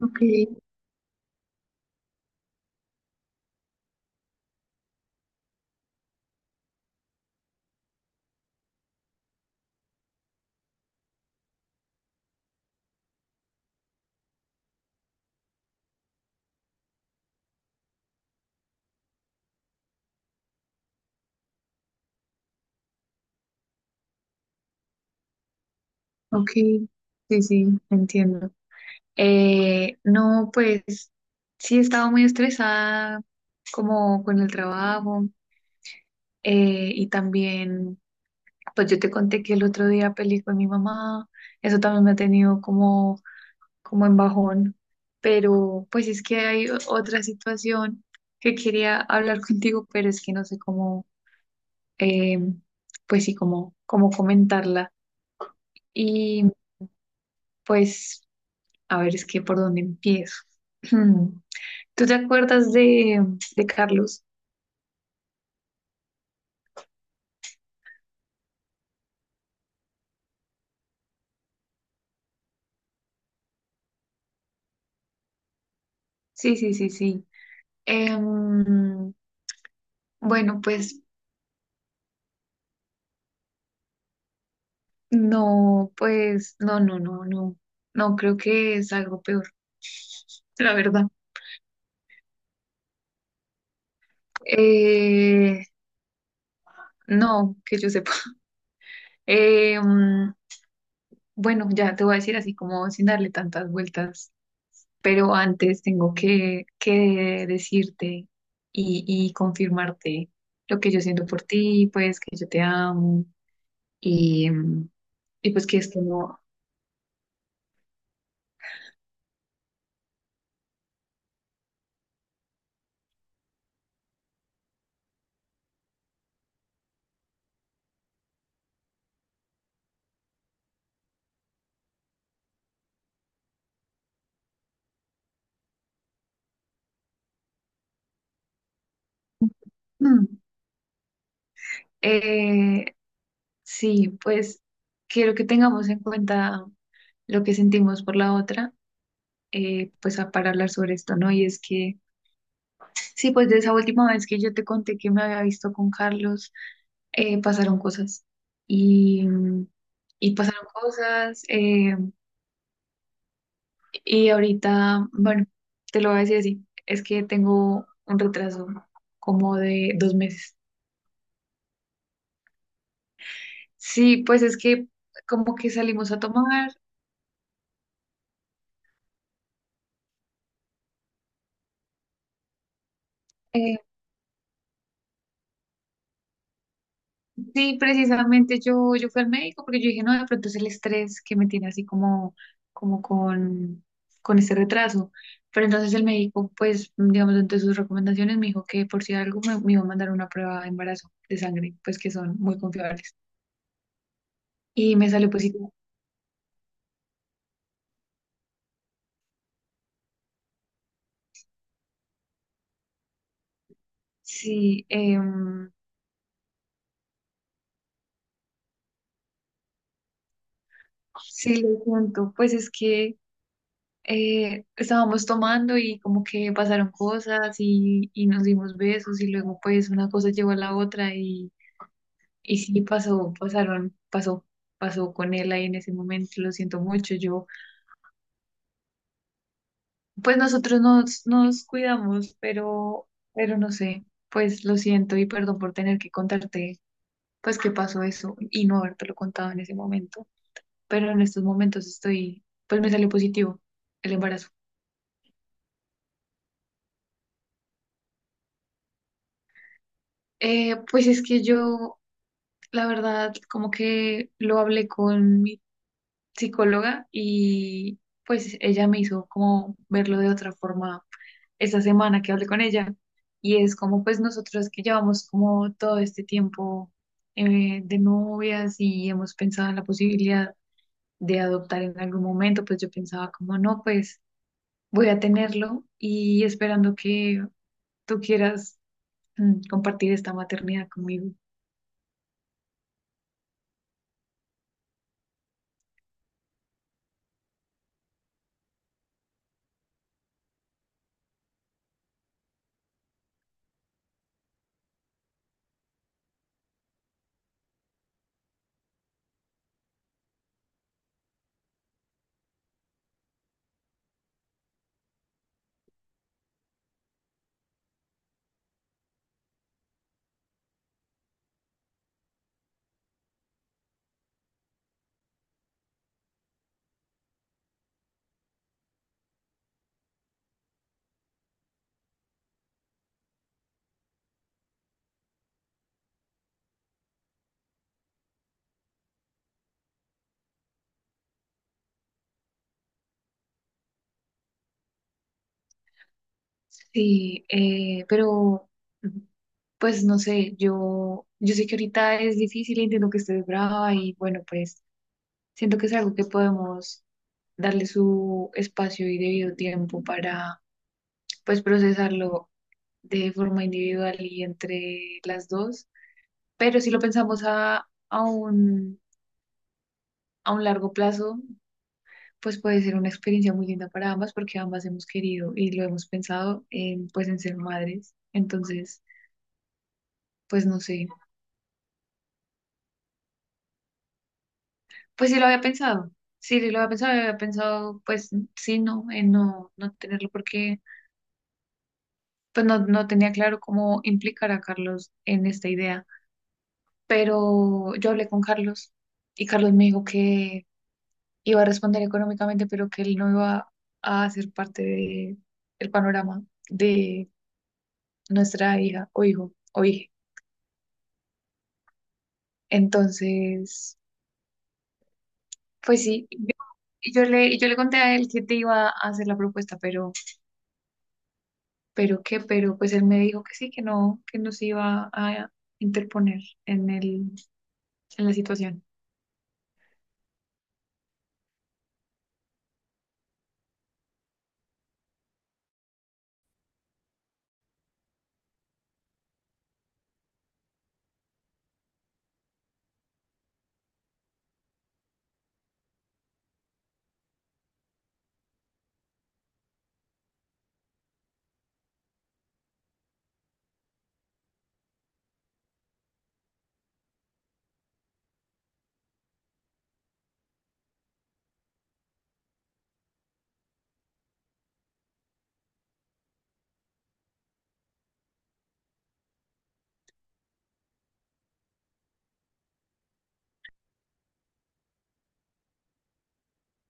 Ok, ok, sí, sí, entiendo. No, pues sí he estado muy estresada como con el trabajo y también, pues yo te conté que el otro día peleé con mi mamá, eso también me ha tenido como, como en bajón, pero pues es que hay otra situación que quería hablar contigo, pero es que no sé cómo, eh, pues sí, cómo, cómo comentarla y pues a ver, es que por dónde empiezo. ¿Tú te acuerdas de Carlos? Sí, sí, sí, sí. Em, bueno, pues no, no, no, no. No creo que es algo peor, la verdad. Eh, no, que yo sepa. Em, bueno, ya te voy a decir así como sin darle tantas vueltas, pero antes tengo que decirte y confirmarte lo que yo siento por ti, pues que yo te amo. Y pues que esto no. Mm. Eh, sí, pues quiero que tengamos en cuenta lo que sentimos por la otra, pues para hablar sobre esto, ¿no? Y es que, sí, pues de esa última vez que yo te conté que me había visto con Carlos, pasaron cosas. Y, mm, y pasaron cosas. Y ahorita, bueno, te lo voy a decir así, es que tengo un retraso como de dos meses. Sí, pues es que como que salimos a tomar. Eh, sí, precisamente yo fui al médico porque yo dije, no, de pronto es el estrés que me tiene así como, como con este retraso. Pero entonces el médico, pues, digamos, entre sus recomendaciones me dijo que por si algo me iba a mandar una prueba de embarazo de sangre, pues que son muy confiables. Y me salió positivo. Sí, sí, lo cuento. Pues es que estábamos tomando y como que pasaron cosas y nos dimos besos y luego pues una cosa llevó a la otra. Y sí pasó, pasaron, pasó, pasó con él ahí en ese momento, lo siento mucho. Yo, pues nosotros nos cuidamos, pero no sé, pues lo siento y perdón por tener que contarte, pues que pasó eso y no habértelo contado en ese momento. Pero en estos momentos estoy, pues me salió positivo el embarazo. Pues es que yo, la verdad, como que lo hablé con mi psicóloga y pues ella me hizo como verlo de otra forma esa semana que hablé con ella y es como pues nosotros que llevamos como todo este tiempo de novias y hemos pensado en la posibilidad de adoptar en algún momento, pues yo pensaba como no, pues voy a tenerlo y esperando que tú quieras compartir esta maternidad conmigo. Sí, pero mm, pues no sé, yo sé que ahorita es difícil, entiendo que estés brava y bueno, pues siento que es algo que podemos darle su espacio y debido tiempo para, pues, procesarlo de forma individual y entre las dos. Pero si lo pensamos a un largo plazo, pues puede ser una experiencia muy linda para ambas porque ambas hemos querido y lo hemos pensado en, pues, en ser madres. Entonces, pues no sé, pues sí lo había pensado. Sí, sí lo había pensado, pues sí, no, en no, no tenerlo porque pues no, no tenía claro cómo implicar a Carlos en esta idea, pero yo hablé con Carlos y Carlos me dijo que iba a responder económicamente, pero que él no iba a hacer parte de el panorama de nuestra hija o hijo o hija. Entonces, pues sí, yo, y yo le conté a él que te iba a hacer la propuesta, pero qué, pero pues él me dijo que sí, que no se iba a interponer en el, en la situación.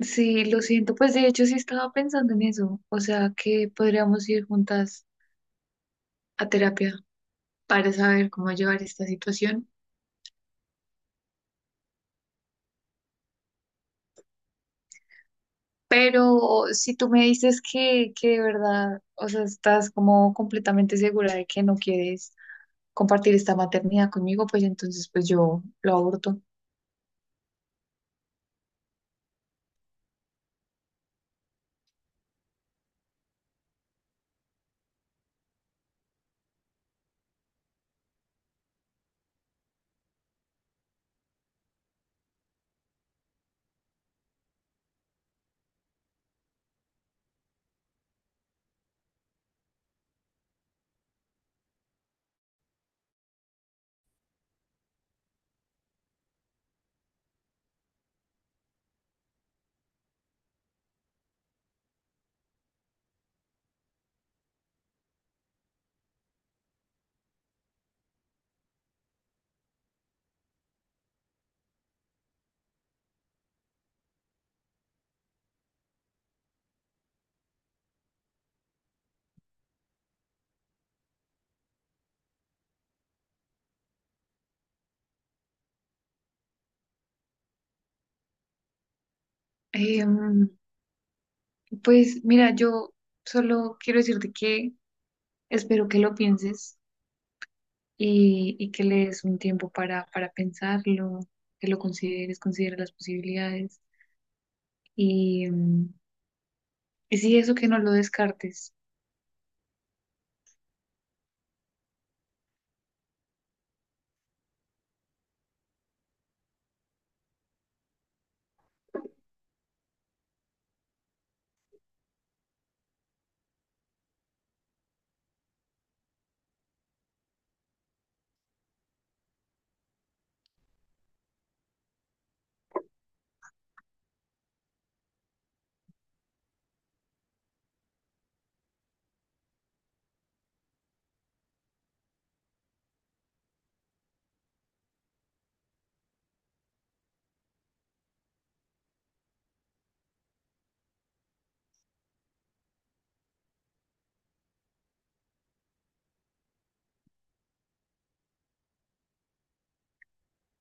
Sí, lo siento, pues de hecho sí estaba pensando en eso, o sea que podríamos ir juntas a terapia para saber cómo llevar esta situación, pero si tú me dices que de verdad, o sea, estás como completamente segura de que no quieres compartir esta maternidad conmigo, pues entonces pues yo lo aborto. Em, pues mira, yo solo quiero decirte que espero que lo pienses y que le des un tiempo para pensarlo, que lo consideres, considera las posibilidades y, mm, y sí, eso que no lo descartes.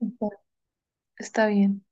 Exacto. Está bien.